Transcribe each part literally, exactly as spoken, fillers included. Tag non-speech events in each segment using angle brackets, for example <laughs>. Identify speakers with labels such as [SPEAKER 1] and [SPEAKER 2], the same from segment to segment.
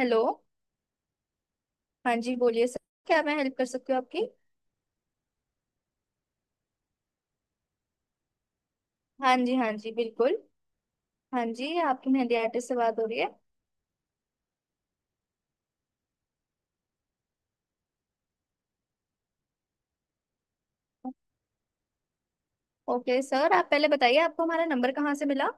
[SPEAKER 1] Hello. हाँ जी, बोलिए सर। क्या मैं हेल्प कर सकती हूँ आपकी? हाँ जी हाँ जी, बिल्कुल। हाँ जी, आपकी मेहंदी आर्टिस्ट से बात हो रही है। ओके सर, आप पहले बताइए आपको हमारा नंबर कहाँ से मिला।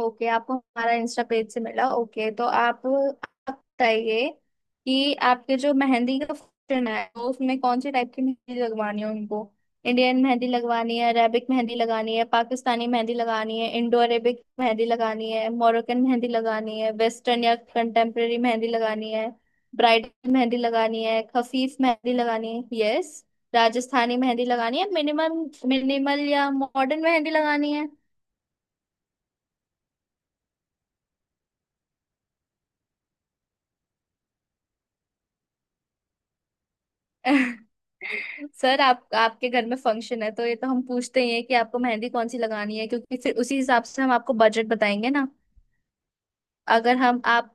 [SPEAKER 1] ओके, आपको हमारा इंस्टा पेज से मिला। ओके, तो आप आप बताइए कि आपके जो मेहंदी का फंक्शन है तो उसमें कौन से टाइप की मेहंदी लगवानी है उनको। इंडियन मेहंदी लगवानी है, अरेबिक मेहंदी लगानी है, पाकिस्तानी मेहंदी लगानी है, इंडो अरेबिक मेहंदी लगानी है, मोरक्कन मेहंदी लगानी है, वेस्टर्न या कंटेम्प्रेरी मेहंदी लगानी है, ब्राइडल मेहंदी लगानी है, खफीफ मेहंदी लगानी है, यस राजस्थानी मेहंदी लगानी है, मिनिमम मिनिमल या मॉडर्न मेहंदी लगानी है। सर, आप आपके घर में फंक्शन है तो ये तो हम पूछते ही हैं कि आपको मेहंदी कौन सी लगानी है, क्योंकि फिर उसी हिसाब से हम आपको बजट बताएंगे ना। अगर हम आप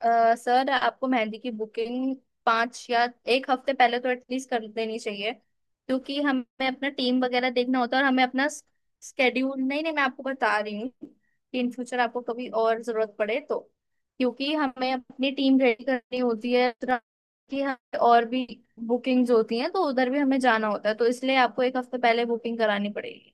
[SPEAKER 1] अ, सर आपको मेहंदी की बुकिंग पाँच या एक हफ्ते पहले तो एटलीस्ट कर देनी चाहिए, क्योंकि हमें अपना टीम वगैरह देखना होता है और हमें अपना स्केड्यूल। नहीं नहीं, मैं आपको बता रही हूँ कि इन फ्यूचर आपको कभी और जरूरत पड़े तो, क्योंकि हमें अपनी टीम रेडी करनी होती है, इस तरह की हमें और भी बुकिंग्स होती हैं तो उधर भी हमें जाना होता है, तो इसलिए आपको एक हफ्ते पहले बुकिंग करानी पड़ेगी।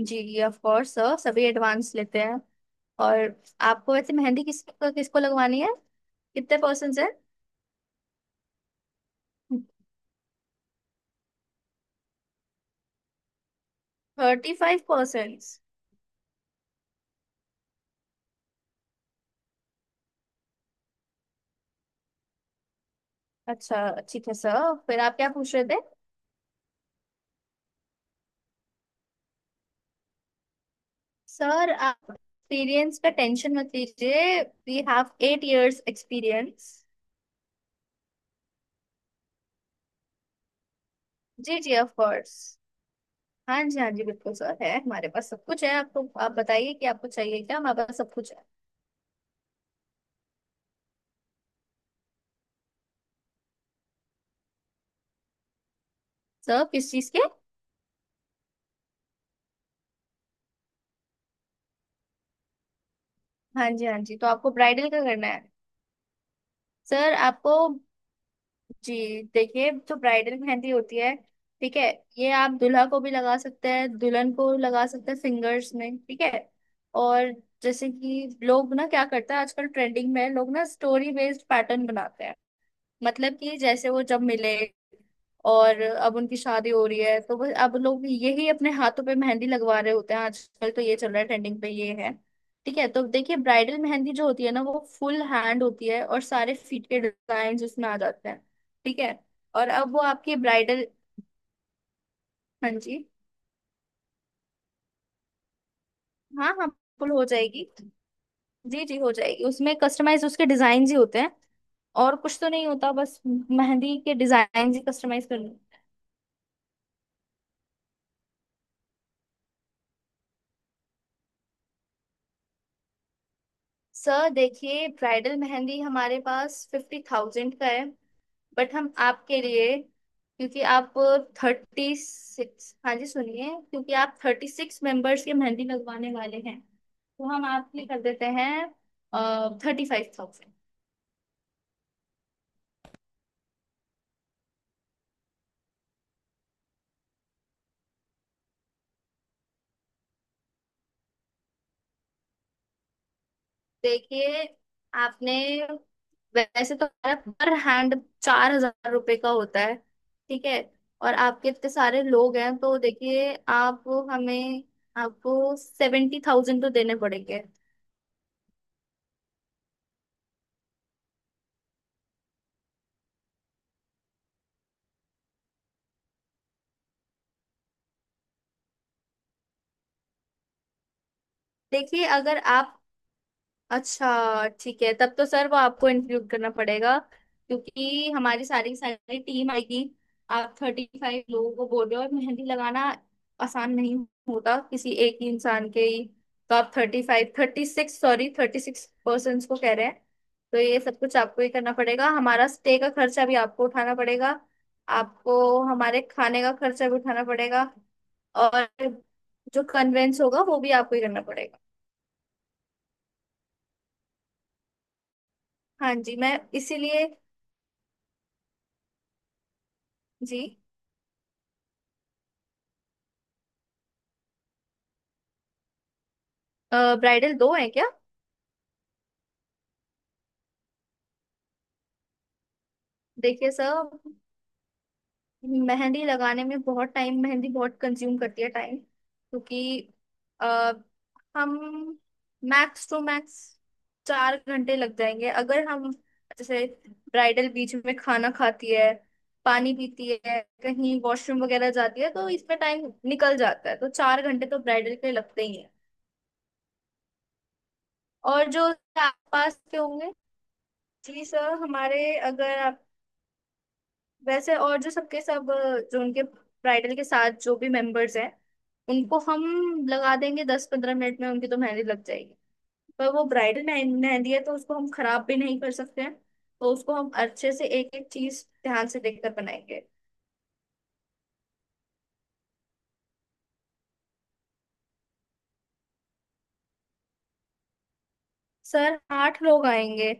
[SPEAKER 1] जी जी ऑफ कोर्स सर, सभी एडवांस लेते हैं। और आपको वैसे मेहंदी किसको किसको लगवानी है? कितने परसेंट है? Thirty five percent? अच्छा, ठीक है सर, फिर आप क्या पूछ रहे थे? सर आप एक्सपीरियंस का टेंशन मत लीजिए। We have eight years experience. जी जी ऑफ कोर्स। हाँ जी हाँ जी बिल्कुल सर, है हमारे पास, सब कुछ है। आपको आप बताइए कि आपको चाहिए क्या, हमारे पास सब कुछ है। सर किस चीज़ के? हाँ जी हाँ जी, तो आपको ब्राइडल का करना है। सर आपको, जी देखिए, जो ब्राइडल मेहंदी होती है, ठीक है, ये आप दूल्हा को भी लगा सकते हैं, दुल्हन को लगा सकते हैं, फिंगर्स में। ठीक है। और जैसे कि लोग ना क्या करते हैं, आजकल ट्रेंडिंग में लोग ना स्टोरी बेस्ड पैटर्न बनाते हैं, मतलब कि जैसे वो जब मिले और अब उनकी शादी हो रही है, तो बस अब लोग यही अपने हाथों पे मेहंदी लगवा रहे होते हैं। आजकल तो ये चल रहा है, ट्रेंडिंग पे ये है। ठीक है, तो देखिए, ब्राइडल मेहंदी जो होती है ना, वो फुल हैंड होती है और सारे फीट के डिजाइन उसमें आ जाते हैं। ठीक है। और अब वो आपकी ब्राइडल, हाँ जी, हाँ हाँ, फुल हो जाएगी। जी जी हो जाएगी, उसमें कस्टमाइज उसके डिजाइन ही होते हैं, और कुछ तो नहीं होता, बस मेहंदी के डिजाइन ही कस्टमाइज करने। सर देखिए, ब्राइडल मेहंदी हमारे पास फिफ्टी थाउजेंड का है, बट हम आपके लिए, क्योंकि आप, थर्टी सिक्स, हाँ जी सुनिए, क्योंकि आप थर्टी सिक्स मेंबर्स के मेहंदी लगवाने वाले हैं तो हम आपके कर देते हैं थर्टी फाइव थाउजेंड। देखिए, आपने, वैसे तो हमारा पर हैंड चार हजार रुपये का होता है। ठीक है। और आपके इतने सारे लोग हैं तो देखिए आप, हमें, आपको सेवेंटी थाउजेंड तो देने पड़ेंगे। देखिए अगर आप, अच्छा ठीक है, तब तो सर वो आपको इंक्लूड करना पड़ेगा, क्योंकि हमारी सारी की सारी टीम आएगी। आप थर्टी फाइव लोगों को बोल रहे हो और मेहंदी लगाना आसान नहीं होता किसी एक ही इंसान के ही। तो आप thirty five thirty six sorry thirty six person को कह रहे हैं, तो ये सब कुछ आपको ही करना पड़ेगा, हमारा स्टे का खर्चा भी आपको उठाना पड़ेगा। आपको हमारे खाने का खर्चा भी उठाना पड़ेगा। और जो कन्वेंस होगा वो भी आपको ही करना पड़ेगा। हाँ जी, मैं इसीलिए, जी, ब्राइडल दो है क्या? देखिए सर, मेहंदी लगाने में बहुत टाइम, मेहंदी बहुत कंज्यूम करती है टाइम, क्योंकि अ, हम मैक्स टू मैक्स चार घंटे लग जाएंगे, अगर हम, जैसे ब्राइडल बीच में खाना खाती है, पानी पीती है, कहीं वॉशरूम वगैरह जाती है, तो इसमें टाइम निकल जाता है, तो चार घंटे तो ब्राइडल के लगते ही है। और जो आसपास के होंगे, जी सर हमारे, अगर आप वैसे, और जो सबके सब अ, जो उनके ब्राइडल के साथ जो भी मेंबर्स हैं उनको हम लगा देंगे, दस पंद्रह मिनट में उनकी तो मेहंदी लग जाएगी। पर वो ब्राइडल मेहंदी है तो उसको हम खराब भी नहीं कर सकते हैं, तो उसको हम अच्छे से एक एक चीज ध्यान से देखकर बनाएंगे। सर आठ लोग आएंगे।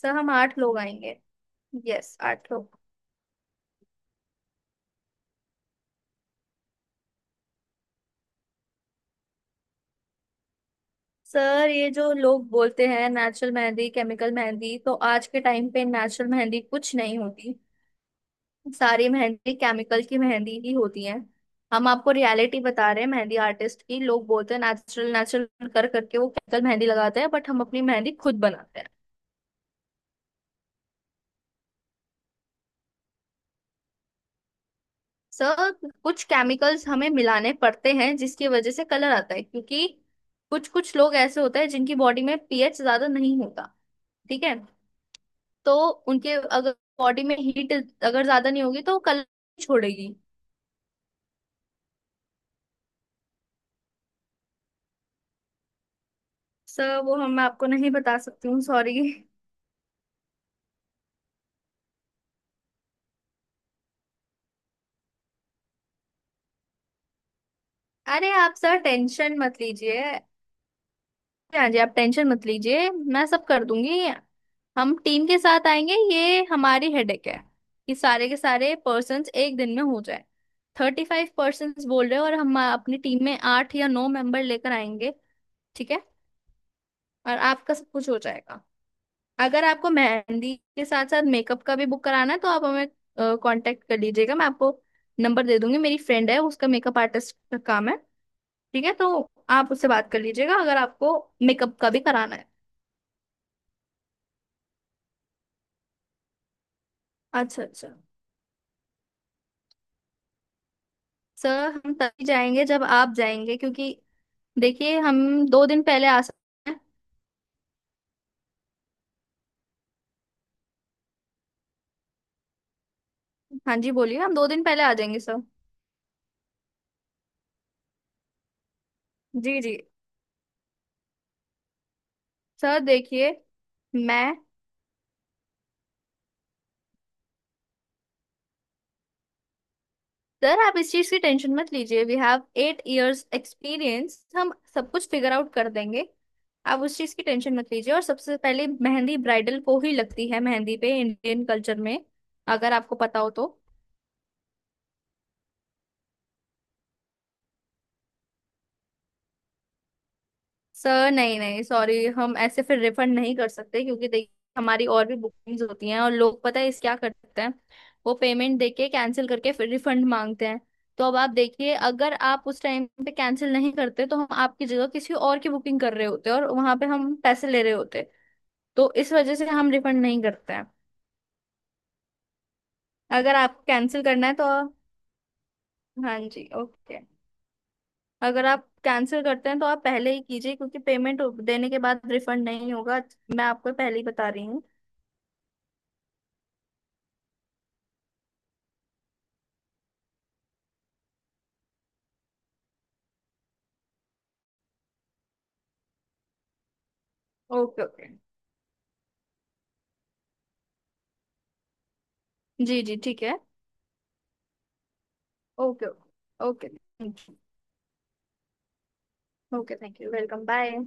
[SPEAKER 1] सर, हम आठ लोग आएंगे, यस आठ लोग। सर ये जो लोग बोलते हैं नेचुरल मेहंदी केमिकल मेहंदी, तो आज के टाइम पे नेचुरल मेहंदी कुछ नहीं होती, सारी मेहंदी केमिकल की मेहंदी ही होती है। हम आपको रियलिटी बता रहे हैं मेहंदी आर्टिस्ट की। लोग बोलते हैं नेचुरल नेचुरल कर करके, वो केमिकल मेहंदी लगाते हैं, बट हम अपनी मेहंदी खुद बनाते हैं। सर, कुछ केमिकल्स हमें मिलाने पड़ते हैं जिसकी वजह से कलर आता है, क्योंकि कुछ कुछ लोग ऐसे होते हैं जिनकी बॉडी में पी एच ज्यादा नहीं होता। ठीक है। तो उनके अगर बॉडी में हीट अगर ज्यादा नहीं होगी तो कलर छोड़ेगी। सर वो हम, मैं आपको नहीं बता सकती हूँ, सॉरी <laughs> अरे आप सर टेंशन मत लीजिए। हाँ जी आप टेंशन मत लीजिए, मैं सब कर दूंगी। हम टीम के साथ आएंगे, ये हमारी हेडेक है कि सारे के सारे पर्सन्स एक दिन में हो जाए। थर्टी फाइव पर्सन्स बोल रहे हो और हम आ, अपनी टीम में आठ या नौ मेंबर लेकर आएंगे। ठीक है। और आपका सब कुछ हो जाएगा। अगर आपको मेहंदी के साथ साथ मेकअप का भी बुक कराना है, तो आप हमें कांटेक्ट कर लीजिएगा। मैं आपको नंबर दे दूंगी, मेरी फ्रेंड है, उसका मेकअप आर्टिस्ट का काम है। ठीक है, तो आप उससे बात कर लीजिएगा अगर आपको मेकअप का भी कराना है। अच्छा अच्छा। सर हम तभी जाएंगे जब आप जाएंगे, क्योंकि देखिए हम दो दिन पहले आ सकते हैं। हाँ जी बोलिए, हम दो दिन पहले आ जाएंगे सर। जी जी, सर देखिए, मैं, सर आप इस चीज़ की टेंशन मत लीजिए। We have eight years experience, हम सब कुछ फिगर आउट कर देंगे। आप उस चीज़ की टेंशन मत लीजिए, और सबसे पहले मेहंदी ब्राइडल को ही लगती है मेहंदी पे, इंडियन कल्चर में अगर आपको पता हो तो। सर नहीं नहीं सॉरी, हम ऐसे फिर रिफंड नहीं कर सकते, क्योंकि देखिए हमारी और भी बुकिंग्स होती हैं और लोग पता है इस क्या करते हैं, वो पेमेंट देके कैंसिल करके फिर रिफंड मांगते हैं। तो अब आप देखिए, अगर आप उस टाइम पे कैंसिल नहीं करते तो हम आपकी जगह किसी और की बुकिंग कर रहे होते और वहां पे हम पैसे ले रहे होते, तो इस वजह से हम रिफंड नहीं करते हैं। अगर आपको कैंसिल करना है तो, हाँ जी ओके, अगर आप कैंसिल करते हैं तो आप पहले ही कीजिए, क्योंकि पेमेंट देने के बाद रिफंड नहीं होगा, मैं आपको पहले ही बता रही हूँ। Okay okay. जी जी ठीक है। Okay okay. Okay thank you. Okay thank you welcome bye.